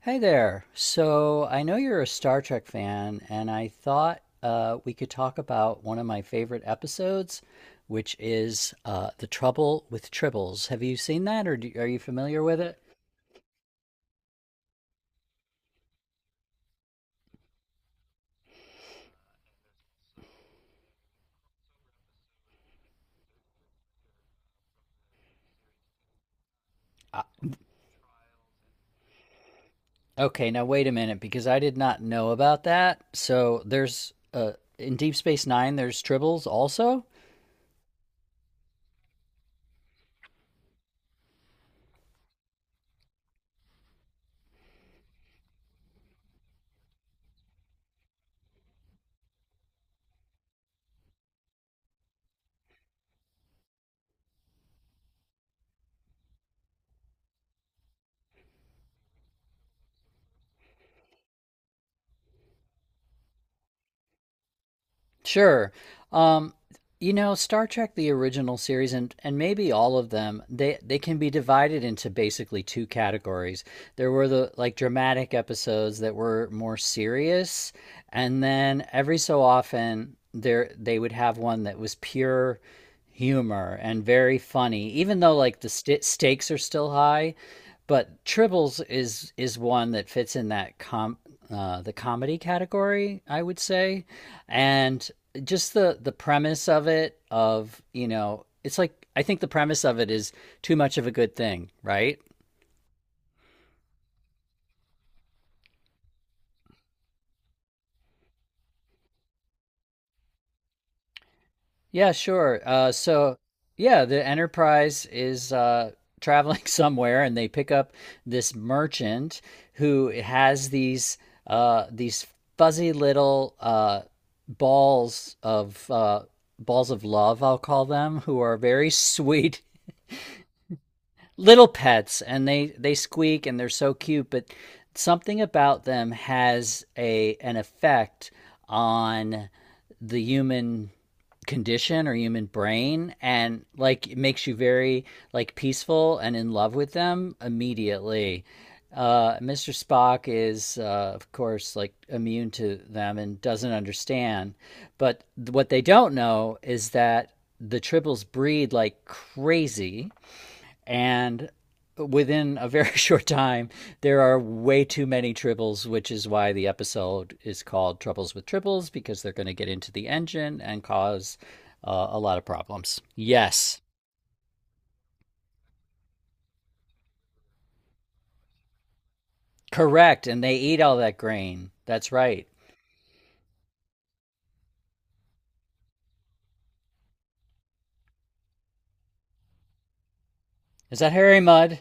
Hey there. So I know you're a Star Trek fan, and I thought we could talk about one of my favorite episodes, which is The Trouble with Tribbles. Have you seen that, are you familiar with it? Uh, okay, now wait a minute, because I did not know about that. So there's in Deep Space Nine, there's Tribbles also? Sure. Um, you know, Star Trek, the original series, and maybe all of them, they can be divided into basically two categories. There were the like dramatic episodes that were more serious, and then every so often there they would have one that was pure humor and very funny, even though like the st stakes are still high. But Tribbles is one that fits in that com the comedy category, I would say, and just the premise of it of, you know, it's like, I think the premise of it is too much of a good thing, right? Yeah, sure. So yeah, the enterprise is traveling somewhere and they pick up this merchant who has these these fuzzy little balls of uh, balls of love, I'll call them, who are very sweet little pets, and they squeak and they're so cute, but something about them has a an effect on the human condition or human brain, and like it makes you very like peaceful and in love with them immediately. Mr. Spock is, of course, like immune to them and doesn't understand. But what they don't know is that the tribbles breed like crazy, and within a very short time there are way too many triples, which is why the episode is called Troubles with Triples, because they're going to get into the engine and cause a lot of problems, yes. Correct, and they eat all that grain, that's right. Is that Harry Mud?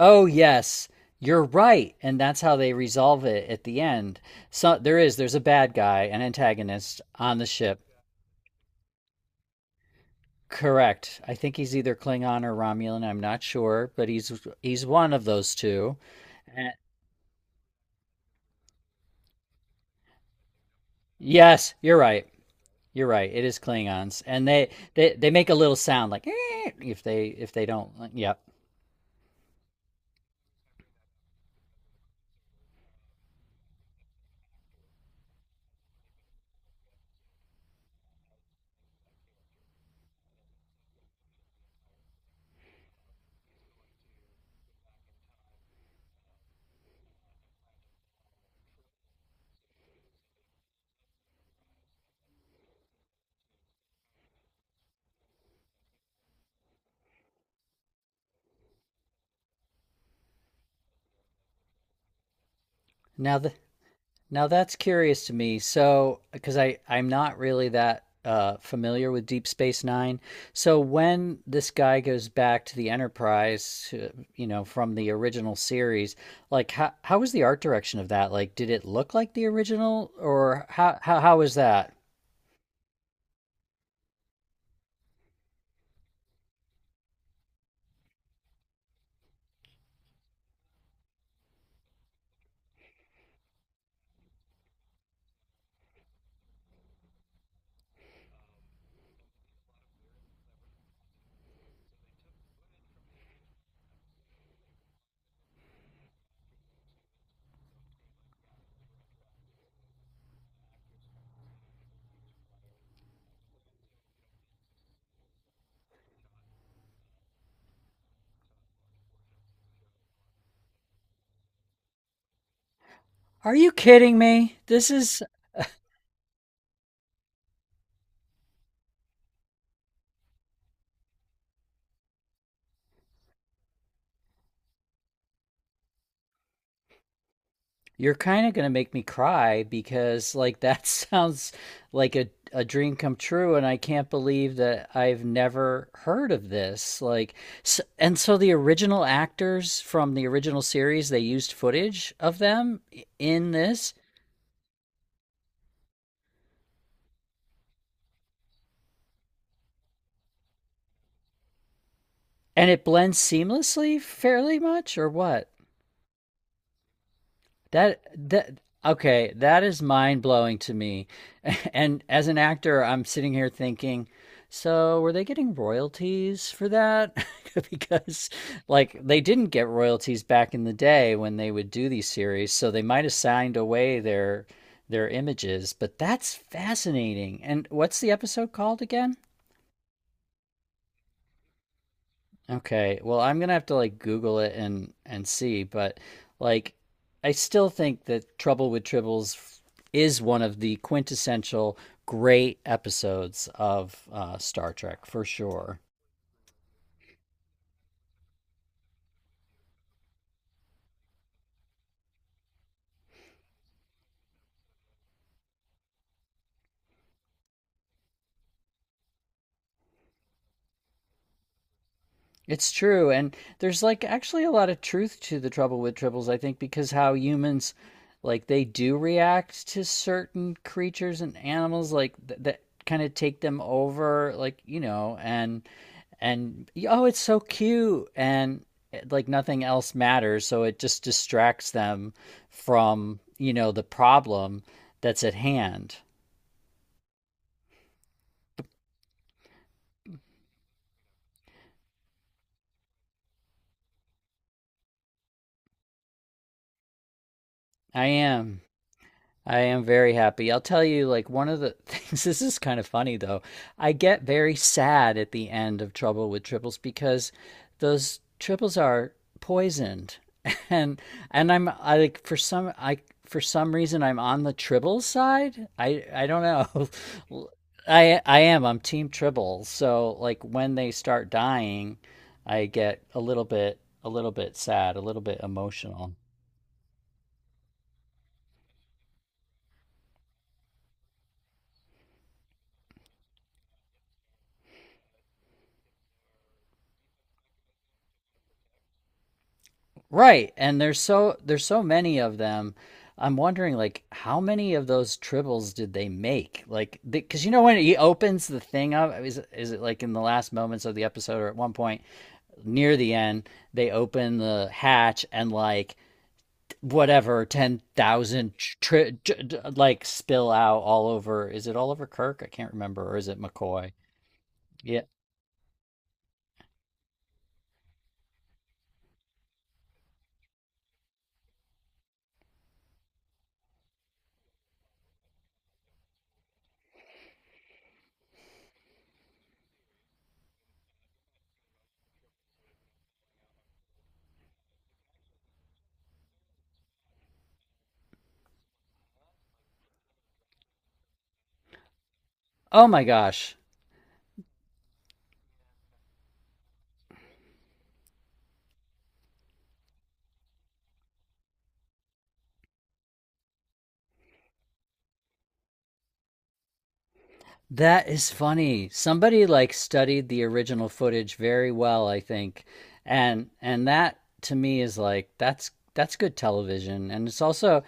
Oh yes, you're right, and that's how they resolve it at the end. So there is, there's a bad guy, an antagonist on the ship. Correct. I think he's either Klingon or Romulan. I'm not sure, but he's one of those two. And— yes, you're right. You're right. It is Klingons, and they make a little sound like "Eh," if they don't. Like, yep. Now the Now that's curious to me. So, because I'm not really that familiar with Deep Space Nine. So when this guy goes back to the Enterprise, you know, from the original series, like how was the art direction of that? Like, did it look like the original, or how was that? Are you kidding me? This is— you're kind of going to make me cry because, like, that sounds like a dream come true, and I can't believe that I've never heard of this. Like, s and so the original actors from the original series, they used footage of them in this, and it blends seamlessly, fairly much, or what? That that okay, that is mind blowing to me. And as an actor, I'm sitting here thinking, so were they getting royalties for that? Because like they didn't get royalties back in the day when they would do these series, so they might have signed away their images, but that's fascinating. And what's the episode called again? Okay. Well, I'm gonna have to like Google it and see, but like I still think that Trouble with Tribbles is one of the quintessential great episodes of Star Trek for sure. It's true, and there's like actually a lot of truth to the Trouble with Tribbles, I think, because how humans, like they do react to certain creatures and animals, that kind of take them over, like, you know, and, oh, it's so cute, and eh, like nothing else matters. So it just distracts them from, you know, the problem that's at hand. I am I am very happy. I'll tell you, like, one of the things, this is kind of funny though. I get very sad at the end of Trouble with Triples because those triples are poisoned. And and I like, for some reason I'm on the tribbles side. I don't know. I am. I'm team Triples. So like when they start dying, I get a little bit sad, a little bit emotional. Right. And there's so, there's so many of them. I'm wondering, like, how many of those triples did they make? Like, because, you know, when he opens the thing up, is it like in the last moments of the episode or at one point near the end they open the hatch and like whatever 10,000 tri- like spill out all over. Is it all over Kirk? I can't remember, or is it McCoy? Yeah. Oh my gosh. That is funny. Somebody like studied the original footage very well, I think. And that to me is like, that's good television, and it's also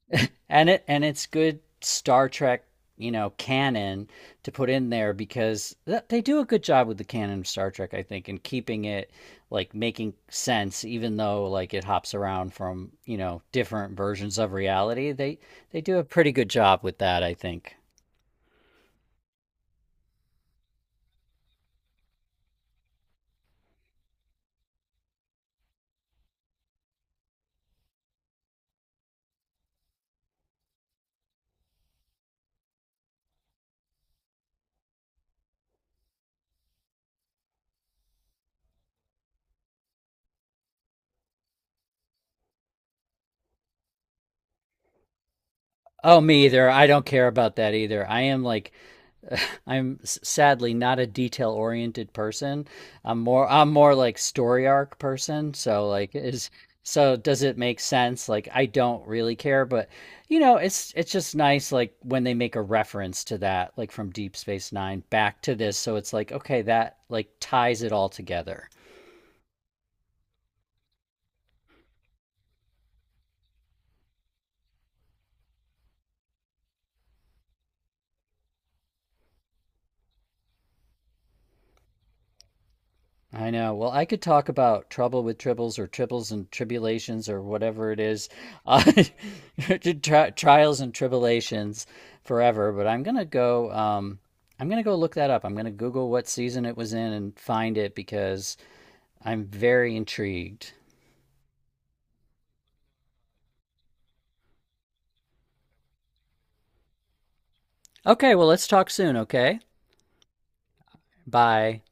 and it, and it's good Star Trek, you know, canon to put in there because they do a good job with the canon of Star Trek, I think, and keeping it like making sense, even though like it hops around from, you know, different versions of reality. They do a pretty good job with that, I think. Oh, me either. I don't care about that either. I am like, I'm sadly not a detail oriented person. I'm more like story arc person. So like, is so does it make sense? Like, I don't really care, but, you know, it's just nice like when they make a reference to that, like from Deep Space Nine back to this. So it's like, okay, that like ties it all together. I know. Well, I could talk about Trouble with Tribbles or Tribbles and Tribulations or whatever it is, uh, Trials and Tribulations forever. But I'm gonna go. I'm gonna go look that up. I'm gonna Google what season it was in and find it because I'm very intrigued. Okay. Well, let's talk soon. Okay. Bye.